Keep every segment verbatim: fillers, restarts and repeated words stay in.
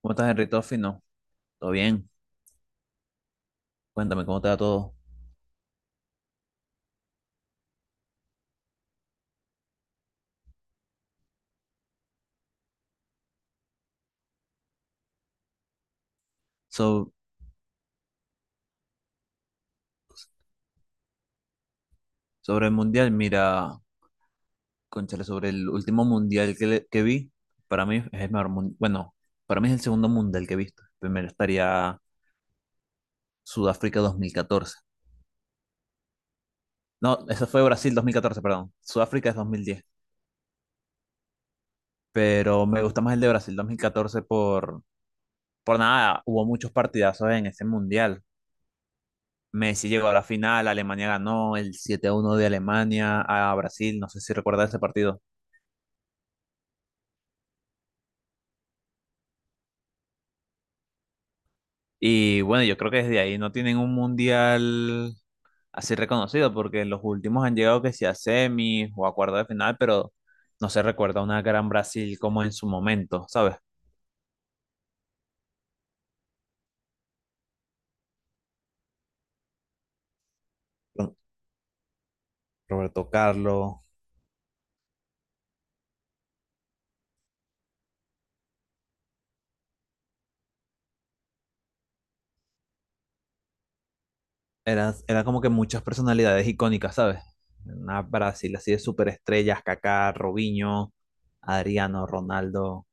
¿Cómo estás, Henry Toffi? No, todo bien. Cuéntame cómo te va todo. So- sobre el mundial, mira, cónchale, sobre el último mundial que, le- que vi, para mí es el mejor mundial. Bueno, para mí es el segundo mundial que he visto. Primero estaría Sudáfrica dos mil catorce. No, eso fue Brasil dos mil catorce, perdón. Sudáfrica es dos mil diez. Pero me gusta más el de Brasil dos mil catorce por, por nada. Hubo muchos partidazos en ese mundial. Messi llegó a la final, Alemania ganó el siete a uno de Alemania a Brasil. No sé si recuerdas ese partido. Y bueno, yo creo que desde ahí no tienen un mundial así reconocido, porque los últimos han llegado que sea a semis o a cuartos de final, pero no se recuerda una gran Brasil como en su momento, ¿sabes? Con Roberto Carlos, era era como que muchas personalidades icónicas, ¿sabes? Una Brasil así de superestrellas, Kaká, Robinho, Adriano, Ronaldo.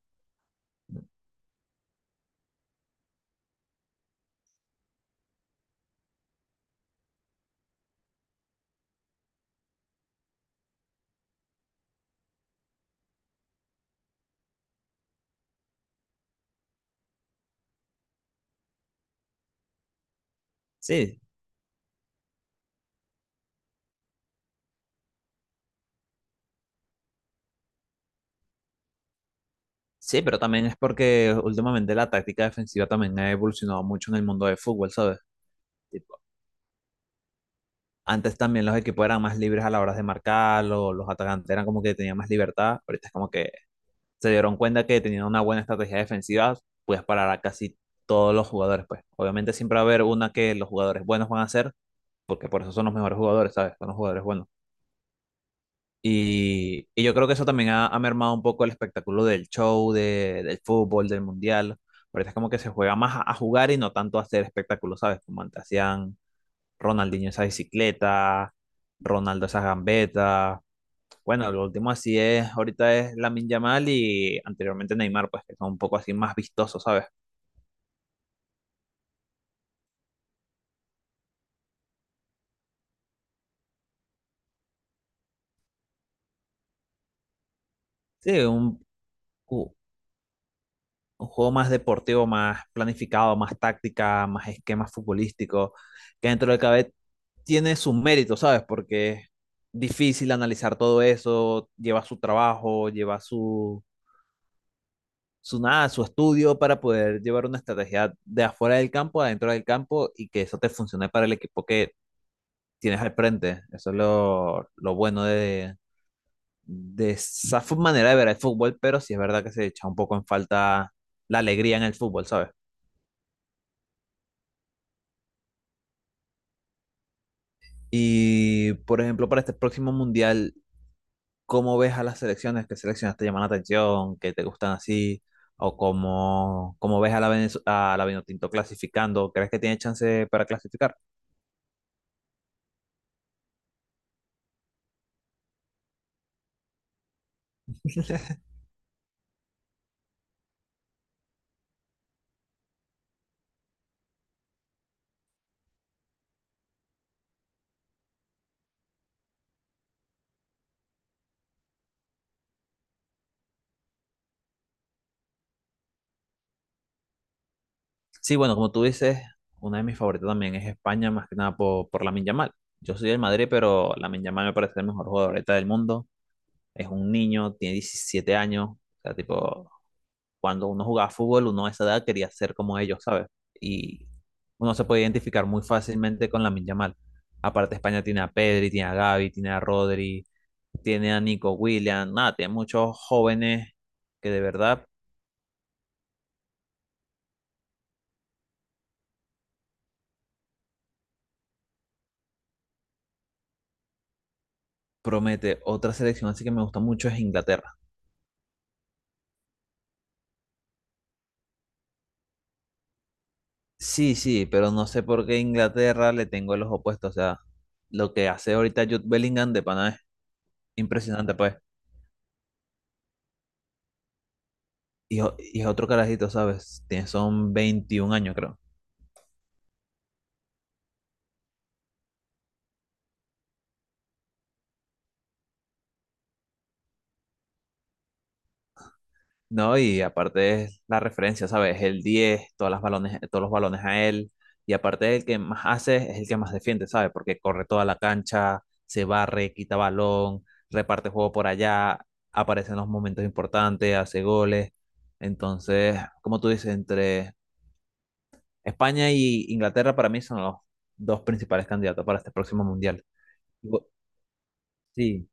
Sí, sí, pero también es porque últimamente la táctica defensiva también ha evolucionado mucho en el mundo del fútbol, ¿sabes? Antes también los equipos eran más libres a la hora de marcar, lo- los atacantes eran como que tenían más libertad. Ahorita es como que se dieron cuenta que teniendo una buena estrategia defensiva, puedes parar a casi todos los jugadores, pues. Obviamente siempre va a haber una que los jugadores buenos van a hacer, porque por eso son los mejores jugadores, ¿sabes? Son los jugadores buenos. Y, y yo creo que eso también ha, ha mermado un poco el espectáculo del show, de- del fútbol, del mundial. Ahorita es como que se juega más a, a jugar y no tanto a hacer espectáculos, ¿sabes? Como antes hacían Ronaldinho esa bicicleta, Ronaldo esas gambetas. Bueno, lo último así es, ahorita es Lamine Yamal y anteriormente Neymar, pues que son un poco así más vistosos, ¿sabes? Sí, un, ju- un juego más deportivo, más planificado, más táctica, más esquemas futbolísticos, que dentro de cada vez tiene sus méritos, ¿sabes? Porque es difícil analizar todo eso, lleva su trabajo, lleva su su nada, su estudio para poder llevar una estrategia de afuera del campo, adentro del campo y que eso te funcione para el equipo que tienes al frente. Eso es lo, lo bueno de, de esa fu- manera de ver el fútbol, pero sí es verdad que se echa un poco en falta la alegría en el fútbol, ¿sabes? Y, por ejemplo, para este próximo mundial, ¿cómo ves a las selecciones? ¿Qué selecciones te llaman la atención? ¿Qué te gustan así? ¿O cómo, cómo ves a la, Venez- a la Vinotinto clasificando? ¿Crees que tiene chance para clasificar? Sí, bueno, como tú dices, una de mis favoritas también es España, más que nada por, por Lamine Yamal. Yo soy del Madrid, pero Lamine Yamal me parece el mejor jugador ahorita del mundo. Es un niño, tiene diecisiete años. O sea, tipo, cuando uno jugaba fútbol, uno a esa edad quería ser como ellos, ¿sabes? Y uno se puede identificar muy fácilmente con Lamine Yamal. Aparte, España tiene a Pedri, tiene a Gavi, tiene a Rodri, tiene a Nico Williams, nada, tiene muchos jóvenes que de verdad promete. Otra selección así que me gusta mucho es Inglaterra. Sí, sí, pero no sé por qué Inglaterra le tengo el ojo puesto. O sea, lo que hace ahorita Jude Bellingham de pana es impresionante, pues. Y, o- y es otro carajito, ¿sabes? Tiene, son veintiún años, creo. No, y aparte es la referencia, ¿sabes? El diez, todas las balones, todos los balones a él. Y aparte el que más hace es el que más defiende, ¿sabes? Porque corre toda la cancha, se barre, quita balón, reparte juego por allá, aparece en los momentos importantes, hace goles. Entonces, como tú dices, entre España y Inglaterra para mí son los dos principales candidatos para este próximo mundial. Gu- Sí,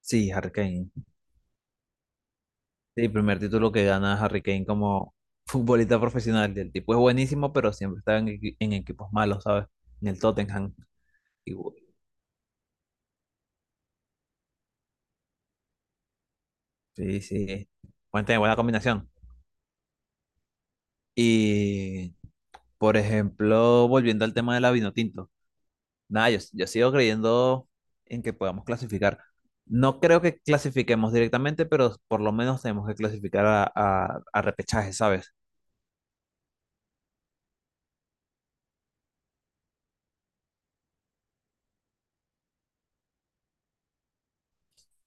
sí, Harry Kane. Sí, primer título que gana Harry Kane como futbolista profesional. El tipo es buenísimo, pero siempre está en, equi- en equipos malos, ¿sabes? En el Tottenham. Y bu- sí, sí. Buena, buena combinación. Y, por ejemplo, volviendo al tema de la Vinotinto. Nada, yo, yo sigo creyendo en que podamos clasificar. No creo que clasifiquemos directamente, pero por lo menos tenemos que clasificar a, a, a repechaje, ¿sabes?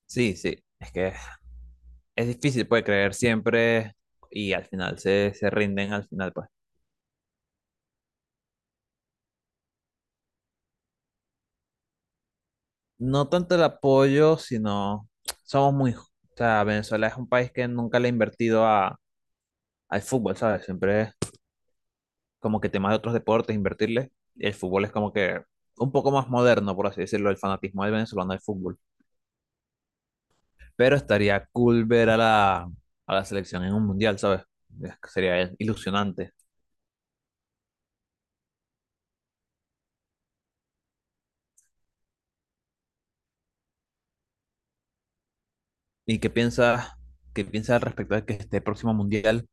Sí, sí, es que es difícil, pues, creer siempre y al final se, se rinden, al final, pues. No tanto el apoyo, sino somos muy... ju- O sea, Venezuela es un país que nunca le ha invertido a, al fútbol, ¿sabes? Siempre es como que temas de otros deportes, invertirle. Y el fútbol es como que un poco más moderno, por así decirlo, el fanatismo del venezolano al fútbol. Pero estaría cool ver a la, a la selección en un mundial, ¿sabes? Es que sería ilusionante. ¿Y qué piensas, qué piensas al respecto de que este próximo mundial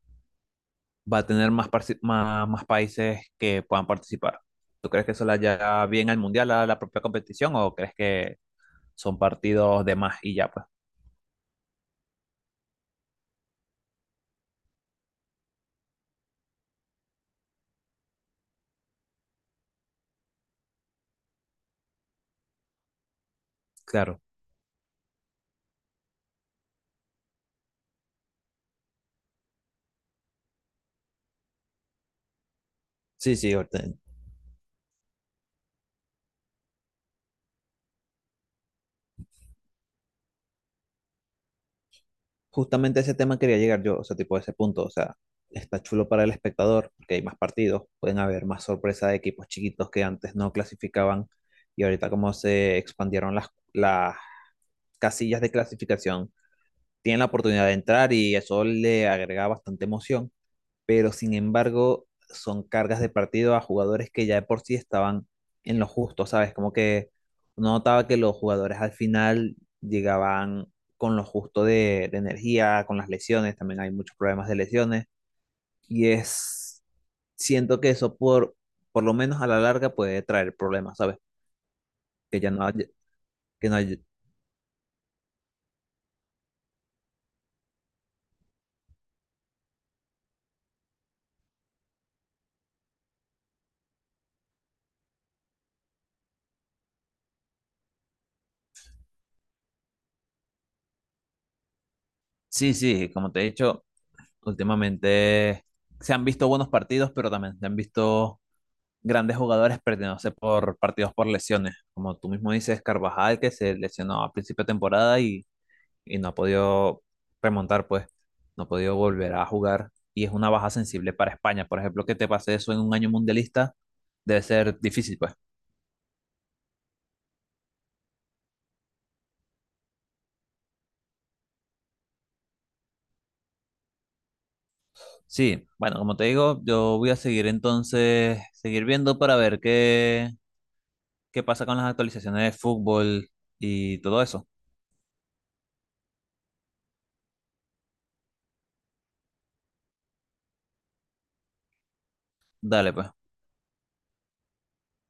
va a tener más, parci- más, más países que puedan participar? ¿Tú crees que eso le haya bien al mundial, a la propia competición, o crees que son partidos de más y ya, pues? Claro. Sí, sí, ahorita justamente a ese tema quería llegar yo, o sea, tipo a ese punto, o sea, está chulo para el espectador, porque hay más partidos, pueden haber más sorpresa de equipos chiquitos que antes no clasificaban y ahorita como se expandieron las, las casillas de clasificación, tienen la oportunidad de entrar y eso le agrega bastante emoción pero sin embargo son cargas de partido a jugadores que ya de por sí estaban en lo justo, ¿sabes? Como que uno notaba que los jugadores al final llegaban con lo justo de, de energía, con las lesiones, también hay muchos problemas de lesiones, y es, siento que eso por, por lo menos a la larga puede traer problemas, ¿sabes? Que ya no hay, que no hay, sí, sí, como te he dicho, últimamente se han visto buenos partidos, pero también se han visto grandes jugadores perdiéndose por partidos por lesiones. Como tú mismo dices, Carvajal, que se lesionó a principio de temporada y, y no ha podido remontar, pues, no ha podido volver a jugar. Y es una baja sensible para España. Por ejemplo, que te pase eso en un año mundialista debe ser difícil, pues. Sí, bueno, como te digo, yo voy a seguir entonces, seguir viendo para ver qué, qué pasa con las actualizaciones de fútbol y todo eso. Dale, pues.